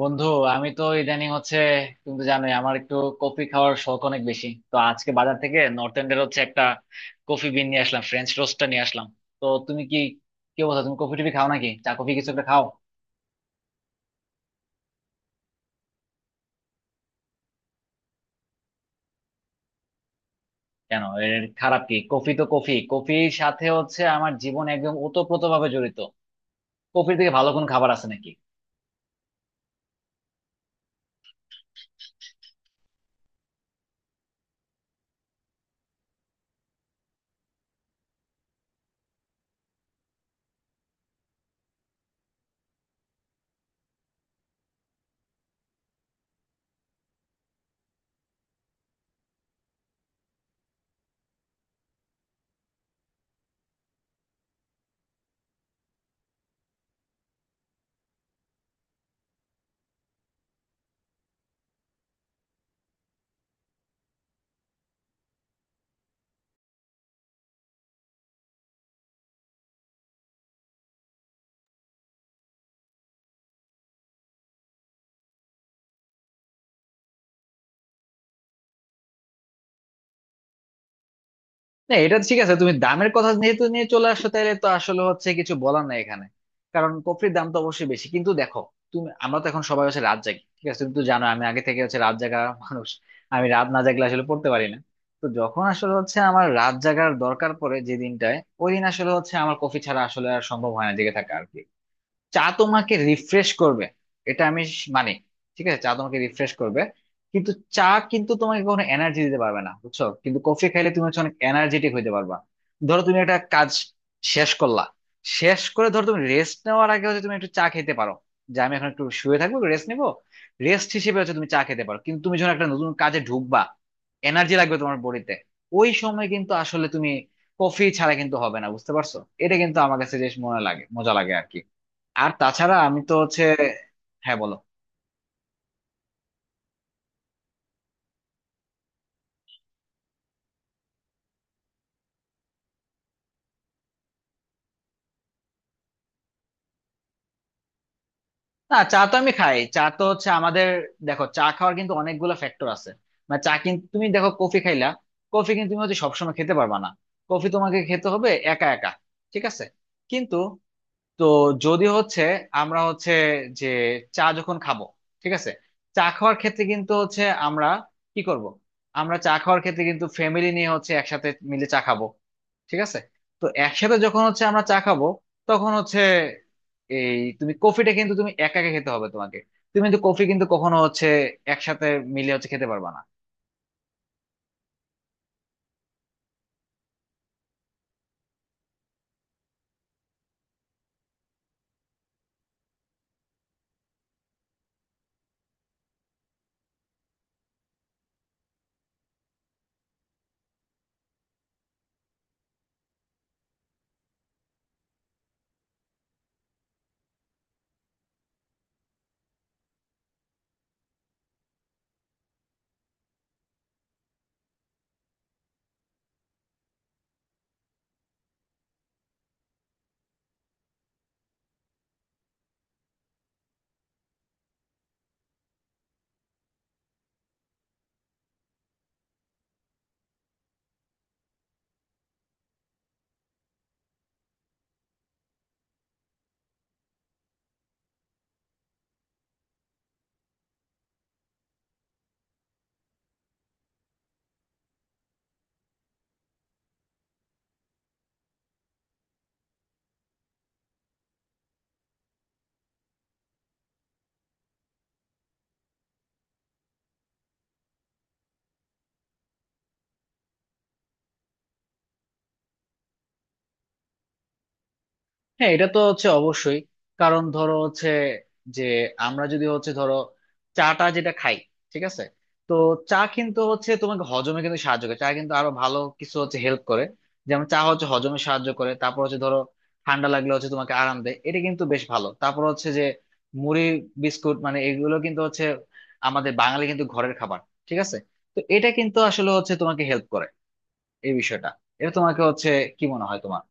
বন্ধু, আমি তো ইদানিং হচ্ছে, তুমি তো জানোই আমার একটু কফি খাওয়ার শখ অনেক বেশি। তো আজকে বাজার থেকে নর্থ এন্ডের হচ্ছে একটা কফি বিন নিয়ে আসলাম, ফ্রেঞ্চ রোস্টটা নিয়ে আসলাম। তো তুমি কি কি অবস্থা? তুমি কফি টফি খাও, নাকি চা কফি কিছু একটা খাও? কেন, এর খারাপ কি? কফি তো, কফির সাথে হচ্ছে আমার জীবন একদম ওতপ্রোত ভাবে জড়িত। কফির থেকে ভালো কোন খাবার আছে নাকি? না, এটা ঠিক আছে। তুমি দামের কথা যেহেতু নিয়ে চলে আসছো, তাহলে তো আসলে হচ্ছে কিছু বলার নাই এখানে। কারণ কফির দাম তো অবশ্যই বেশি, কিন্তু দেখো, তুমি, আমরা তো এখন সবাই হচ্ছে রাত জাগি। ঠিক আছে। তুমি তো জানো, আমি আগে থেকে হচ্ছে রাত জাগা মানুষ। আমি রাত না জাগলে আসলে পড়তে পারি না। তো যখন আসলে হচ্ছে আমার রাত জাগার দরকার পড়ে যে দিনটায়, ওই দিন আসলে হচ্ছে আমার কফি ছাড়া আসলে আর সম্ভব হয় না জেগে থাকা আর কি। চা তোমাকে রিফ্রেশ করবে, এটা আমি মানি। ঠিক আছে, চা তোমাকে রিফ্রেশ করবে, কিন্তু চা কিন্তু তোমাকে কোনো এনার্জি দিতে পারবে না, বুঝছো? কিন্তু কফি খাইলে তুমি হচ্ছে অনেক এনার্জেটিক হইতে পারবা। ধরো তুমি একটা কাজ শেষ করলা, শেষ করে ধরো তুমি রেস্ট নেওয়ার আগে হচ্ছে তুমি একটু চা খেতে পারো, যে আমি এখন একটু শুয়ে থাকবো, রেস্ট নিবো। রেস্ট হিসেবে হচ্ছে তুমি চা খেতে পারো, কিন্তু তুমি যখন একটা নতুন কাজে ঢুকবা, এনার্জি লাগবে তোমার বডিতে, ওই সময় কিন্তু আসলে তুমি কফি ছাড়া কিন্তু হবে না, বুঝতে পারছো? এটা কিন্তু আমার কাছে বেশ মনে লাগে, মজা লাগে আর কি। আর তাছাড়া আমি তো হচ্ছে, হ্যাঁ বলো। না, চা তো আমি খাই, চা তো হচ্ছে আমাদের, দেখো, চা খাওয়ার কিন্তু অনেকগুলো ফ্যাক্টর আছে। মানে, চা কিন্তু তুমি দেখো, কফি খাইলা, কফি কিন্তু তুমি হচ্ছে সবসময় খেতে পারবা না। কফি তোমাকে খেতে হবে একা একা, ঠিক আছে? কিন্তু, তো যদি হচ্ছে আমরা হচ্ছে যে, চা যখন খাবো, ঠিক আছে, চা খাওয়ার ক্ষেত্রে কিন্তু হচ্ছে আমরা কি করব? আমরা চা খাওয়ার ক্ষেত্রে কিন্তু ফ্যামিলি নিয়ে হচ্ছে একসাথে মিলে চা খাবো, ঠিক আছে। তো একসাথে যখন হচ্ছে আমরা চা খাবো, তখন হচ্ছে, এই তুমি কফিটা কিন্তু তুমি একা একা খেতে হবে তোমাকে। তুমি কিন্তু কফি কিন্তু কখনো হচ্ছে একসাথে মিলে হচ্ছে খেতে পারবা না। হ্যাঁ, এটা তো হচ্ছে অবশ্যই। কারণ ধরো হচ্ছে যে, আমরা যদি হচ্ছে ধরো চাটা যেটা খাই, ঠিক আছে, তো চা কিন্তু হচ্ছে তোমাকে হজমে কিন্তু সাহায্য করে। চা কিন্তু আরো ভালো কিছু হচ্ছে হেল্প করে। যেমন, চা হচ্ছে হজমে সাহায্য করে, তারপর হচ্ছে, ধরো ঠান্ডা লাগলে হচ্ছে তোমাকে আরাম দেয়, এটা কিন্তু বেশ ভালো। তারপর হচ্ছে যে, মুড়ি, বিস্কুট, মানে এগুলো কিন্তু হচ্ছে আমাদের বাঙালি কিন্তু ঘরের খাবার, ঠিক আছে? তো এটা কিন্তু আসলে হচ্ছে তোমাকে হেল্প করে, এই বিষয়টা। এটা তোমাকে হচ্ছে, কি মনে হয় তোমার?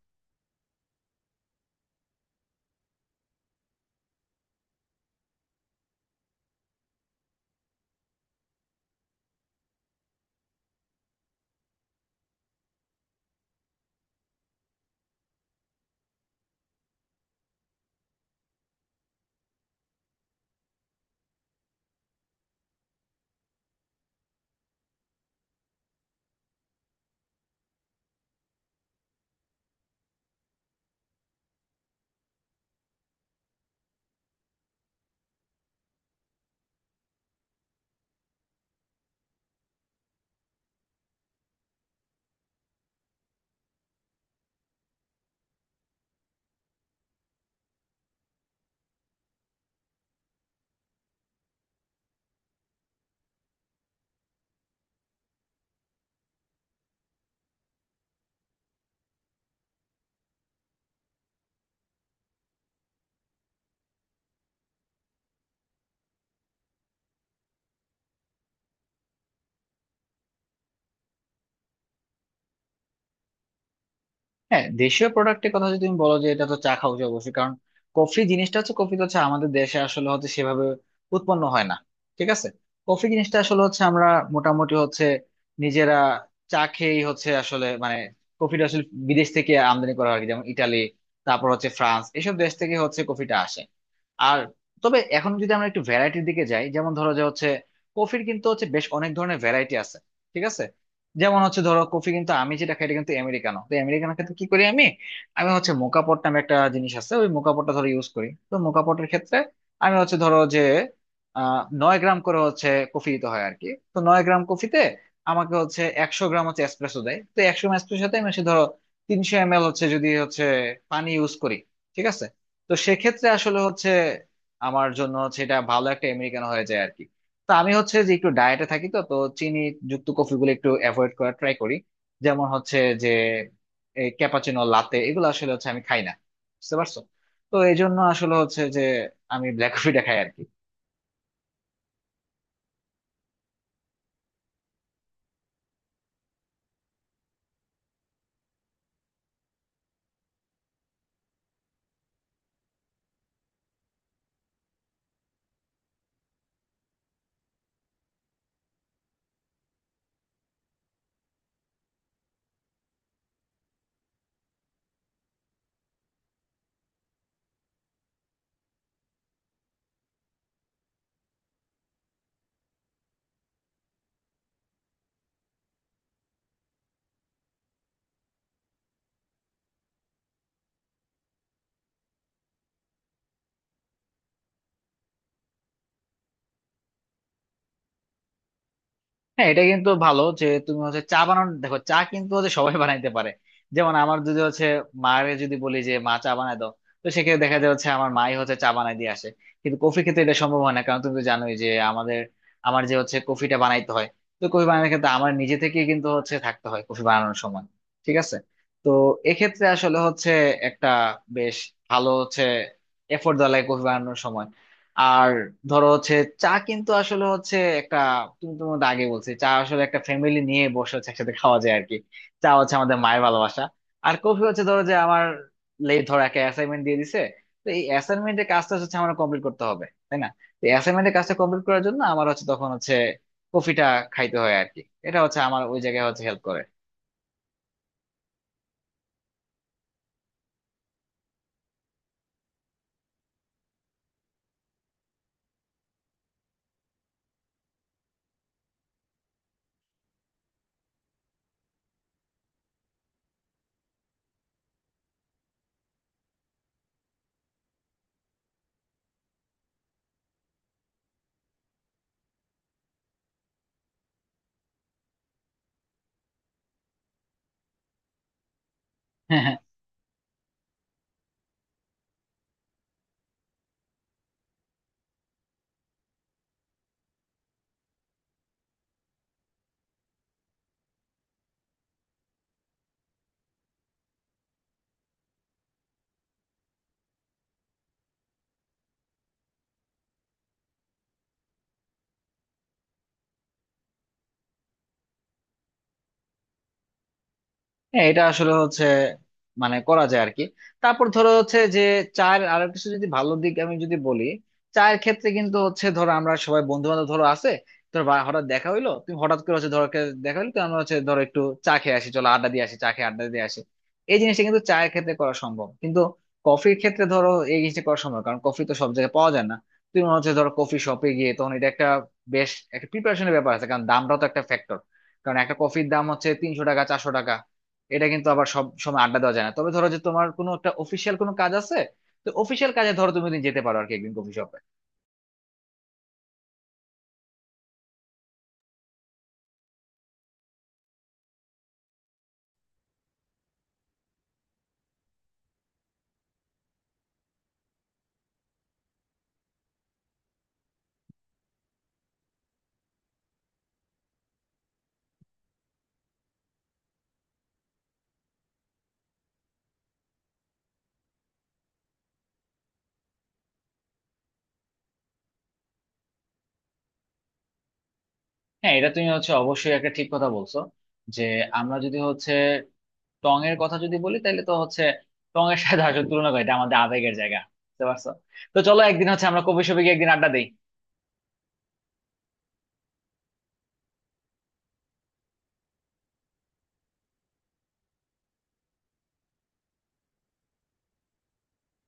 হ্যাঁ, দেশীয় প্রোডাক্টের কথা যদি তুমি বলো, যে এটা তো চা খাওয়া উচিত অবশ্যই। কারণ কফি জিনিসটা হচ্ছে, কফি তো হচ্ছে আমাদের দেশে আসলে হচ্ছে সেভাবে উৎপন্ন হয় না, ঠিক আছে। কফি জিনিসটা আসলে হচ্ছে আমরা মোটামুটি হচ্ছে নিজেরা চা খেয়েই হচ্ছে আসলে, মানে কফিটা আসলে বিদেশ থেকে আমদানি করা হয় আর কি। যেমন ইটালি, তারপর হচ্ছে ফ্রান্স, এসব দেশ থেকে হচ্ছে কফিটা আসে। আর, তবে এখন যদি আমরা একটু ভ্যারাইটির দিকে যাই, যেমন ধরো যে হচ্ছে, কফির কিন্তু হচ্ছে বেশ অনেক ধরনের ভ্যারাইটি আছে, ঠিক আছে। যেমন হচ্ছে, ধরো কফি কিন্তু আমি যেটা খাই, এটা কিন্তু আমেরিকানো। তো আমেরিকানো ক্ষেত্রে কি করি আমি, আমি হচ্ছে মোকা পট নামে একটা জিনিস আছে, ওই মোকা পটটা ধরো ইউজ করি। তো মোকা পটের ক্ষেত্রে আমি হচ্ছে ধরো যে, 9 গ্রাম করে হচ্ছে কফি দিতে হয় আর কি। তো 9 গ্রাম কফিতে আমাকে হচ্ছে 100 গ্রাম হচ্ছে এসপ্রেসো দেয়। তো 100 গ্রাম এসপ্রেসোতে আমি হচ্ছে ধরো, 300 এম এল হচ্ছে যদি হচ্ছে পানি ইউজ করি, ঠিক আছে। তো সেক্ষেত্রে আসলে হচ্ছে আমার জন্য হচ্ছে এটা ভালো একটা আমেরিকানো হয়ে যায় আর কি। তো আমি হচ্ছে যে একটু ডায়েটে থাকি, তো তো চিনি যুক্ত কফিগুলো একটু অ্যাভয়েড করার ট্রাই করি। যেমন হচ্ছে যে, এই ক্যাপাচিনো, লাতে, এগুলো আসলে হচ্ছে আমি খাই না, বুঝতে পারছো। তো এই জন্য আসলে হচ্ছে যে, আমি ব্ল্যাক কফিটা খাই আর কি। হ্যাঁ, এটা কিন্তু ভালো যে তুমি হচ্ছে চা বানানো। দেখো, চা কিন্তু হচ্ছে সবাই বানাইতে পারে। যেমন আমার যদি হচ্ছে মায়ের যদি বলি যে, মা চা বানায় দাও, তো সেক্ষেত্রে দেখা যায় হচ্ছে আমার মাই হচ্ছে চা বানাই দিয়ে আসে। কিন্তু কফি ক্ষেত্রে এটা সম্ভব হয় না, কারণ তুমি তো জানোই যে আমাদের, আমার যে হচ্ছে কফিটা বানাইতে হয়। তো কফি বানানোর ক্ষেত্রে আমার নিজে থেকে কিন্তু হচ্ছে থাকতে হয় কফি বানানোর সময়, ঠিক আছে। তো এক্ষেত্রে আসলে হচ্ছে একটা বেশ ভালো হচ্ছে এফোর্ট দেওয়া লাগে কফি বানানোর সময়। আর ধরো হচ্ছে, চা কিন্তু আসলে হচ্ছে একটা, তুমি তো আমাকে আগে বলছি, চা আসলে একটা ফ্যামিলি নিয়ে বসে হচ্ছে একসাথে খাওয়া যায় আর কি। চা হচ্ছে আমাদের মায়ের ভালোবাসা। আর কফি হচ্ছে, ধরো যে আমার লেট, ধরো একটা অ্যাসাইনমেন্ট দিয়ে দিছে, তো এই অ্যাসাইনমেন্টের কাজটা হচ্ছে আমার কমপ্লিট করতে হবে, তাই না? তো অ্যাসাইনমেন্টের কাজটা কমপ্লিট করার জন্য আমার হচ্ছে তখন হচ্ছে কফিটা খাইতে হয় আর কি। এটা হচ্ছে আমার ওই জায়গায় হচ্ছে হেল্প করে। হ্যাঁ, এটা আসলে হচ্ছে, মানে করা যায় আর কি। তারপর ধরো হচ্ছে যে, চায়ের আরো কিছু যদি ভালো দিক আমি যদি বলি, চায়ের ক্ষেত্রে কিন্তু হচ্ছে ধরো, আমরা সবাই বন্ধু বান্ধব ধরো আছে, ধরো হঠাৎ দেখা হইলো, তুমি হঠাৎ করে হচ্ছে ধরো দেখা হইলো, তো আমরা হচ্ছে ধরো একটু চা খেয়ে আসি, চলো আড্ডা দিয়ে আসি, চা খেয়ে আড্ডা দিয়ে আসি। এই জিনিসটা কিন্তু চায়ের ক্ষেত্রে করা সম্ভব, কিন্তু কফির ক্ষেত্রে ধরো এই জিনিসটা করা সম্ভব না, কারণ কফি তো সব জায়গায় পাওয়া যায় না। তুমি হচ্ছে ধরো কফি শপে গিয়ে তখন, এটা একটা বেশ একটা প্রিপারেশনের ব্যাপার আছে, কারণ দামটাও তো একটা ফ্যাক্টর। কারণ একটা কফির দাম হচ্ছে 300 টাকা, 400 টাকা। এটা কিন্তু আবার সব সময় আড্ডা দেওয়া যায় না। তবে ধরো যে তোমার কোনো একটা অফিসিয়াল কোনো কাজ আছে, তো অফিসিয়াল কাজে ধরো তুমি ওদিন যেতে পারো আর কি, একদিন কফি শপে। হ্যাঁ, এটা তুমি হচ্ছে অবশ্যই একটা ঠিক কথা বলছো, যে আমরা যদি হচ্ছে টং এর কথা যদি বলি, তাহলে তো হচ্ছে টং এর সাথে আসলে তুলনা করি, এটা আমাদের আবেগের জায়গা, বুঝতে পারছো। তো চলো একদিন হচ্ছে আমরা কফি শপে গিয়ে একদিন আড্ডা দিই।